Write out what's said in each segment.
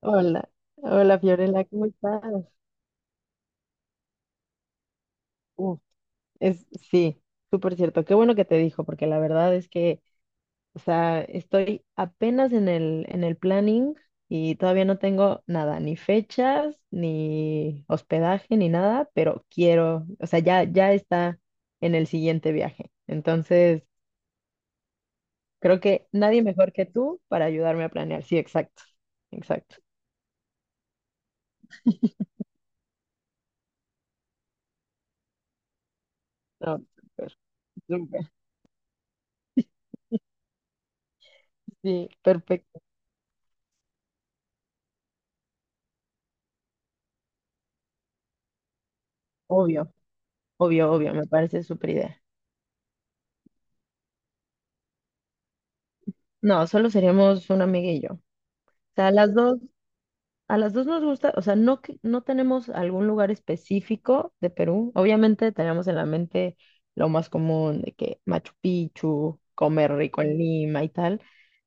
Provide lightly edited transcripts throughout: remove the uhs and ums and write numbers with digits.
Hola, hola Fiorella, ¿cómo estás? Uf, es, sí, súper cierto. Qué bueno que te dijo, porque la verdad es que, o sea, estoy apenas en el planning y todavía no tengo nada, ni fechas, ni hospedaje, ni nada, pero quiero, o sea, ya, ya está en el siguiente viaje. Entonces, creo que nadie mejor que tú para ayudarme a planear. Sí, exacto, exacto. No, súper, súper, sí, perfecto. Obvio, obvio, obvio, me parece súper idea. No, solo seríamos una amiga y yo. O sea, a las dos nos gusta, o sea, no, no tenemos algún lugar específico de Perú. Obviamente tenemos en la mente lo más común de que Machu Picchu, comer rico en Lima y tal,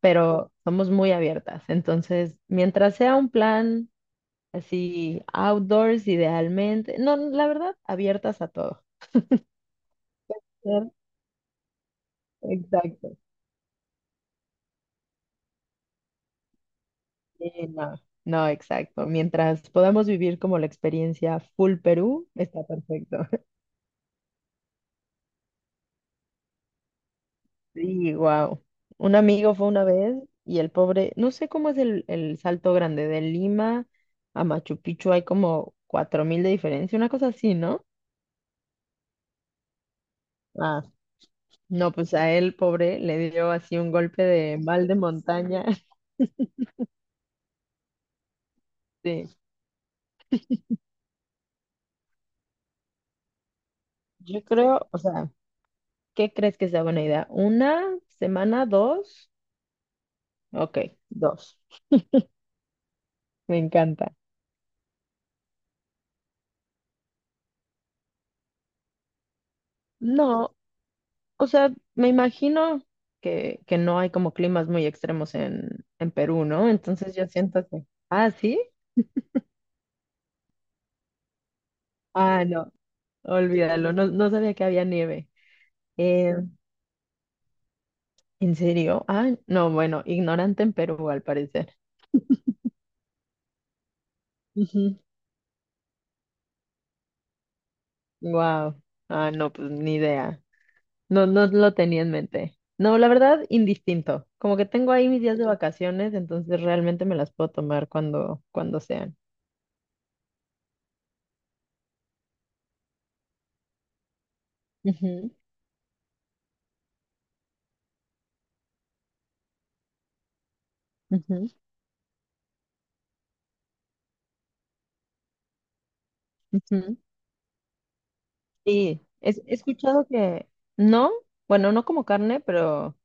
pero somos muy abiertas. Entonces, mientras sea un plan así, outdoors idealmente, no, la verdad, abiertas a todo. Ser- Exacto. Sí, no, no, exacto. Mientras podamos vivir como la experiencia full Perú, está perfecto. Sí, wow. Un amigo fue una vez y el pobre, no sé cómo es el salto grande de Lima a Machu Picchu, hay como 4000 de diferencia, una cosa así, ¿no? Ah, no, pues a él, pobre, le dio así un golpe de mal de montaña. Sí, yo creo, o sea, ¿qué crees que sea buena idea? ¿Una semana, dos? Ok, dos. Me encanta. No, o sea, me imagino que no hay como climas muy extremos en Perú, ¿no? Entonces yo siento que. Ah, ¿sí? Ah, no, olvídalo, no, no sabía que había nieve. Eh, ¿En serio? Ah, no, bueno, ignorante en Perú al parecer. Wow. Ah, no, pues ni idea. No, no lo tenía en mente. No, la verdad, indistinto. Como que tengo ahí mis días de vacaciones, entonces realmente me las puedo tomar cuando sean. Ujú, ujú, ujú. Sí, he escuchado que no, bueno, no como carne, pero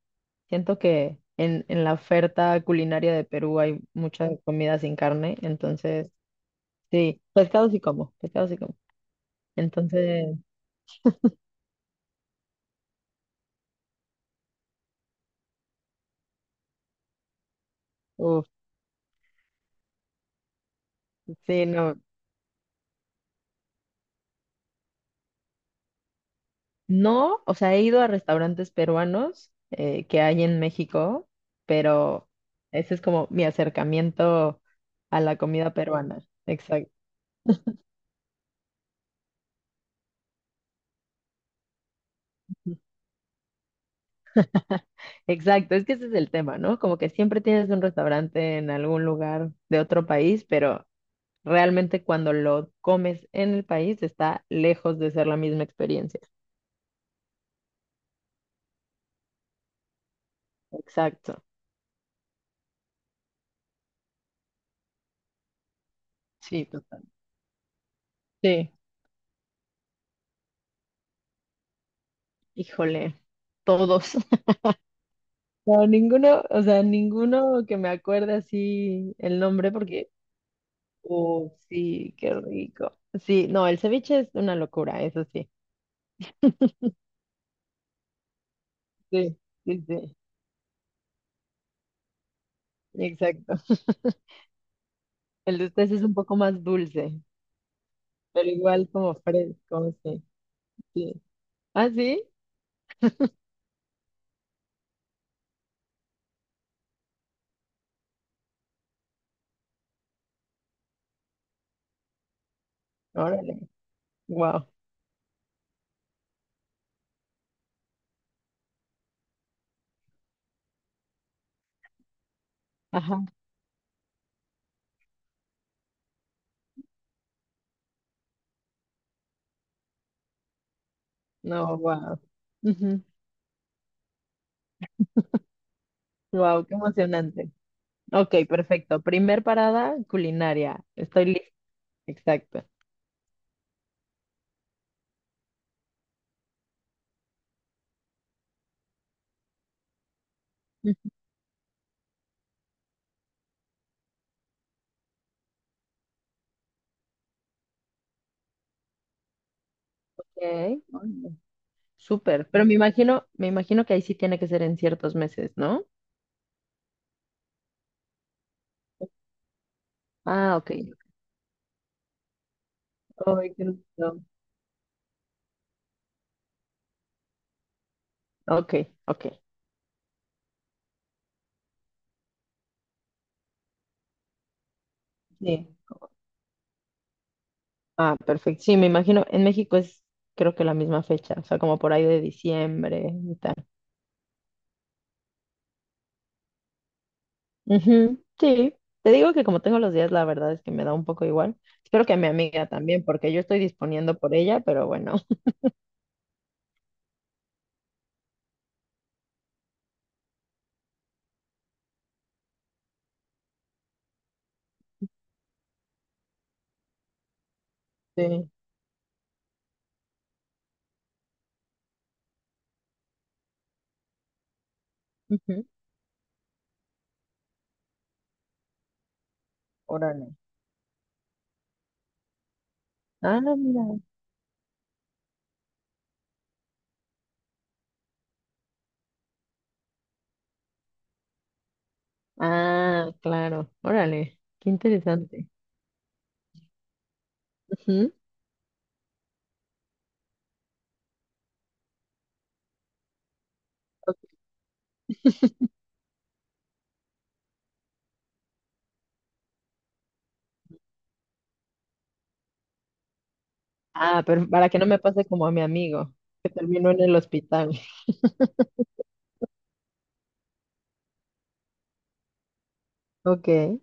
siento que en la oferta culinaria de Perú hay mucha comida sin carne, entonces, sí, pescado sí como, pescado sí como. Entonces, uf, sí, no, no, o sea, he ido a restaurantes peruanos que hay en México, pero ese es como mi acercamiento a la comida peruana, exacto. Exacto, es que ese es el tema, ¿no? Como que siempre tienes un restaurante en algún lugar de otro país, pero realmente cuando lo comes en el país está lejos de ser la misma experiencia. Exacto, sí, total. Sí, híjole, todos. No, ninguno, o sea, ninguno que me acuerde así el nombre porque, oh, sí, qué rico. Sí, no, el ceviche es una locura, eso sí. Sí, sí, sí, exacto. El de ustedes es un poco más dulce. Pero igual como Fred, como sí, sí. ¿Ah, sí? Órale, wow. Ajá, no, wow. Wow, qué emocionante. Ok, perfecto. Primer parada, culinaria. Estoy lista. Exacto. Ok, órale, súper. Pero me imagino que ahí sí tiene que ser en ciertos meses, ¿no? Ah, ok. Ay, qué lindo. Ok, ok. Sí. Ah, perfecto. Sí, me imagino, en México es creo que la misma fecha, o sea, como por ahí de diciembre, mitad. Ujú, sí, te digo que como tengo los días, la verdad es que me da un poco igual. Espero que a mi amiga también, porque yo estoy disponiendo por ella, pero bueno. Sí. Ujú, órale. Ah, mira. Ah, claro. Órale. Qué interesante. Ujú. Ok. Ah, pero para que no me pase como a mi amigo, que terminó en el hospital. Ok.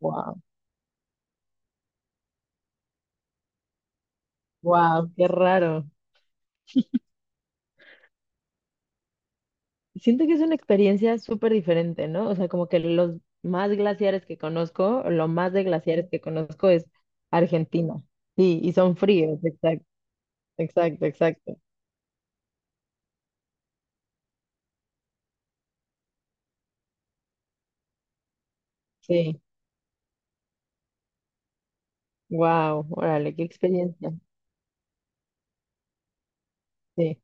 Wow. Wow, qué raro. Siento que es una experiencia súper diferente, ¿no? O sea, como que los más glaciares que conozco, lo más de glaciares que conozco es Argentina. Sí, y son fríos, exacto, exacto, exacto. Sí, wow, órale, qué experiencia. Sí.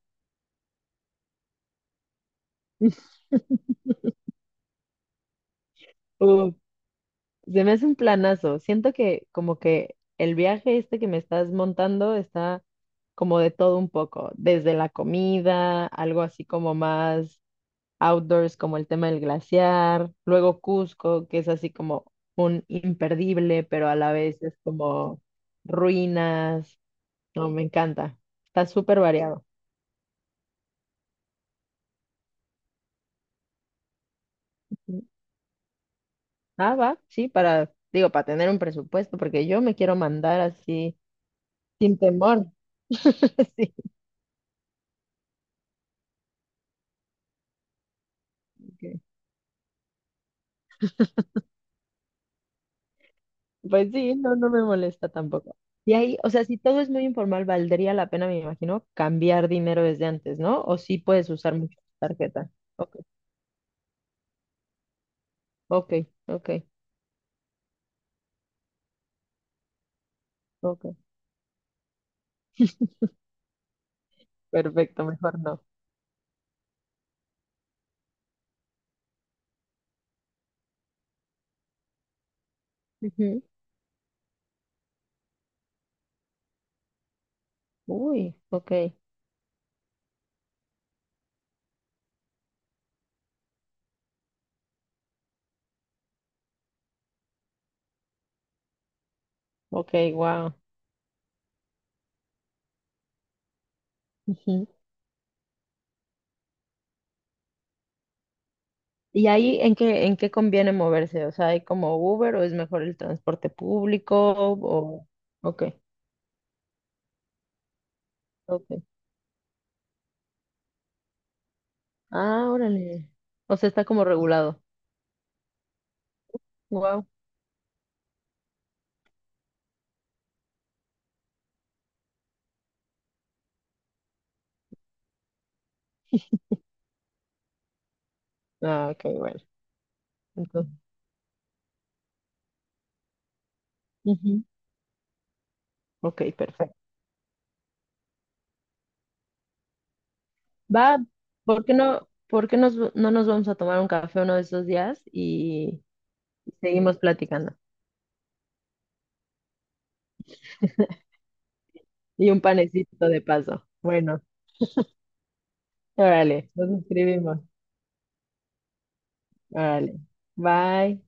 Uh, se me hace un planazo. Siento que como que el viaje este que me estás montando está como de todo un poco, desde la comida, algo así como más outdoors como el tema del glaciar, luego Cusco, que es así como un imperdible, pero a la vez es como ruinas. No, me encanta. Está súper variado. Ah, va, sí, para, digo, para tener un presupuesto, porque yo me quiero mandar así sin temor. Sí, ok. Pues sí, no, no me molesta tampoco. Y ahí, o sea, si todo es muy informal, valdría la pena, me imagino, cambiar dinero desde antes, ¿no? O sí puedes usar mucho tu tarjeta. Ok, ok, ok. Ok, perfecto, mejor no. Ujú. Uy, ok, ok, wow. ¿Y ahí en qué conviene moverse? O sea, ¿hay como Uber o es mejor el transporte público? O... Ok, ok. Ah, órale. O sea, está como regulado. Wow. Ah, ok, bueno. Entonces, ujú. Ok, perfecto. Va, ¿por qué no, por qué nos- no nos vamos a tomar un café uno de esos días y seguimos platicando? Y un panecito de paso. Bueno. Órale, nos escribimos. Órale. Bye.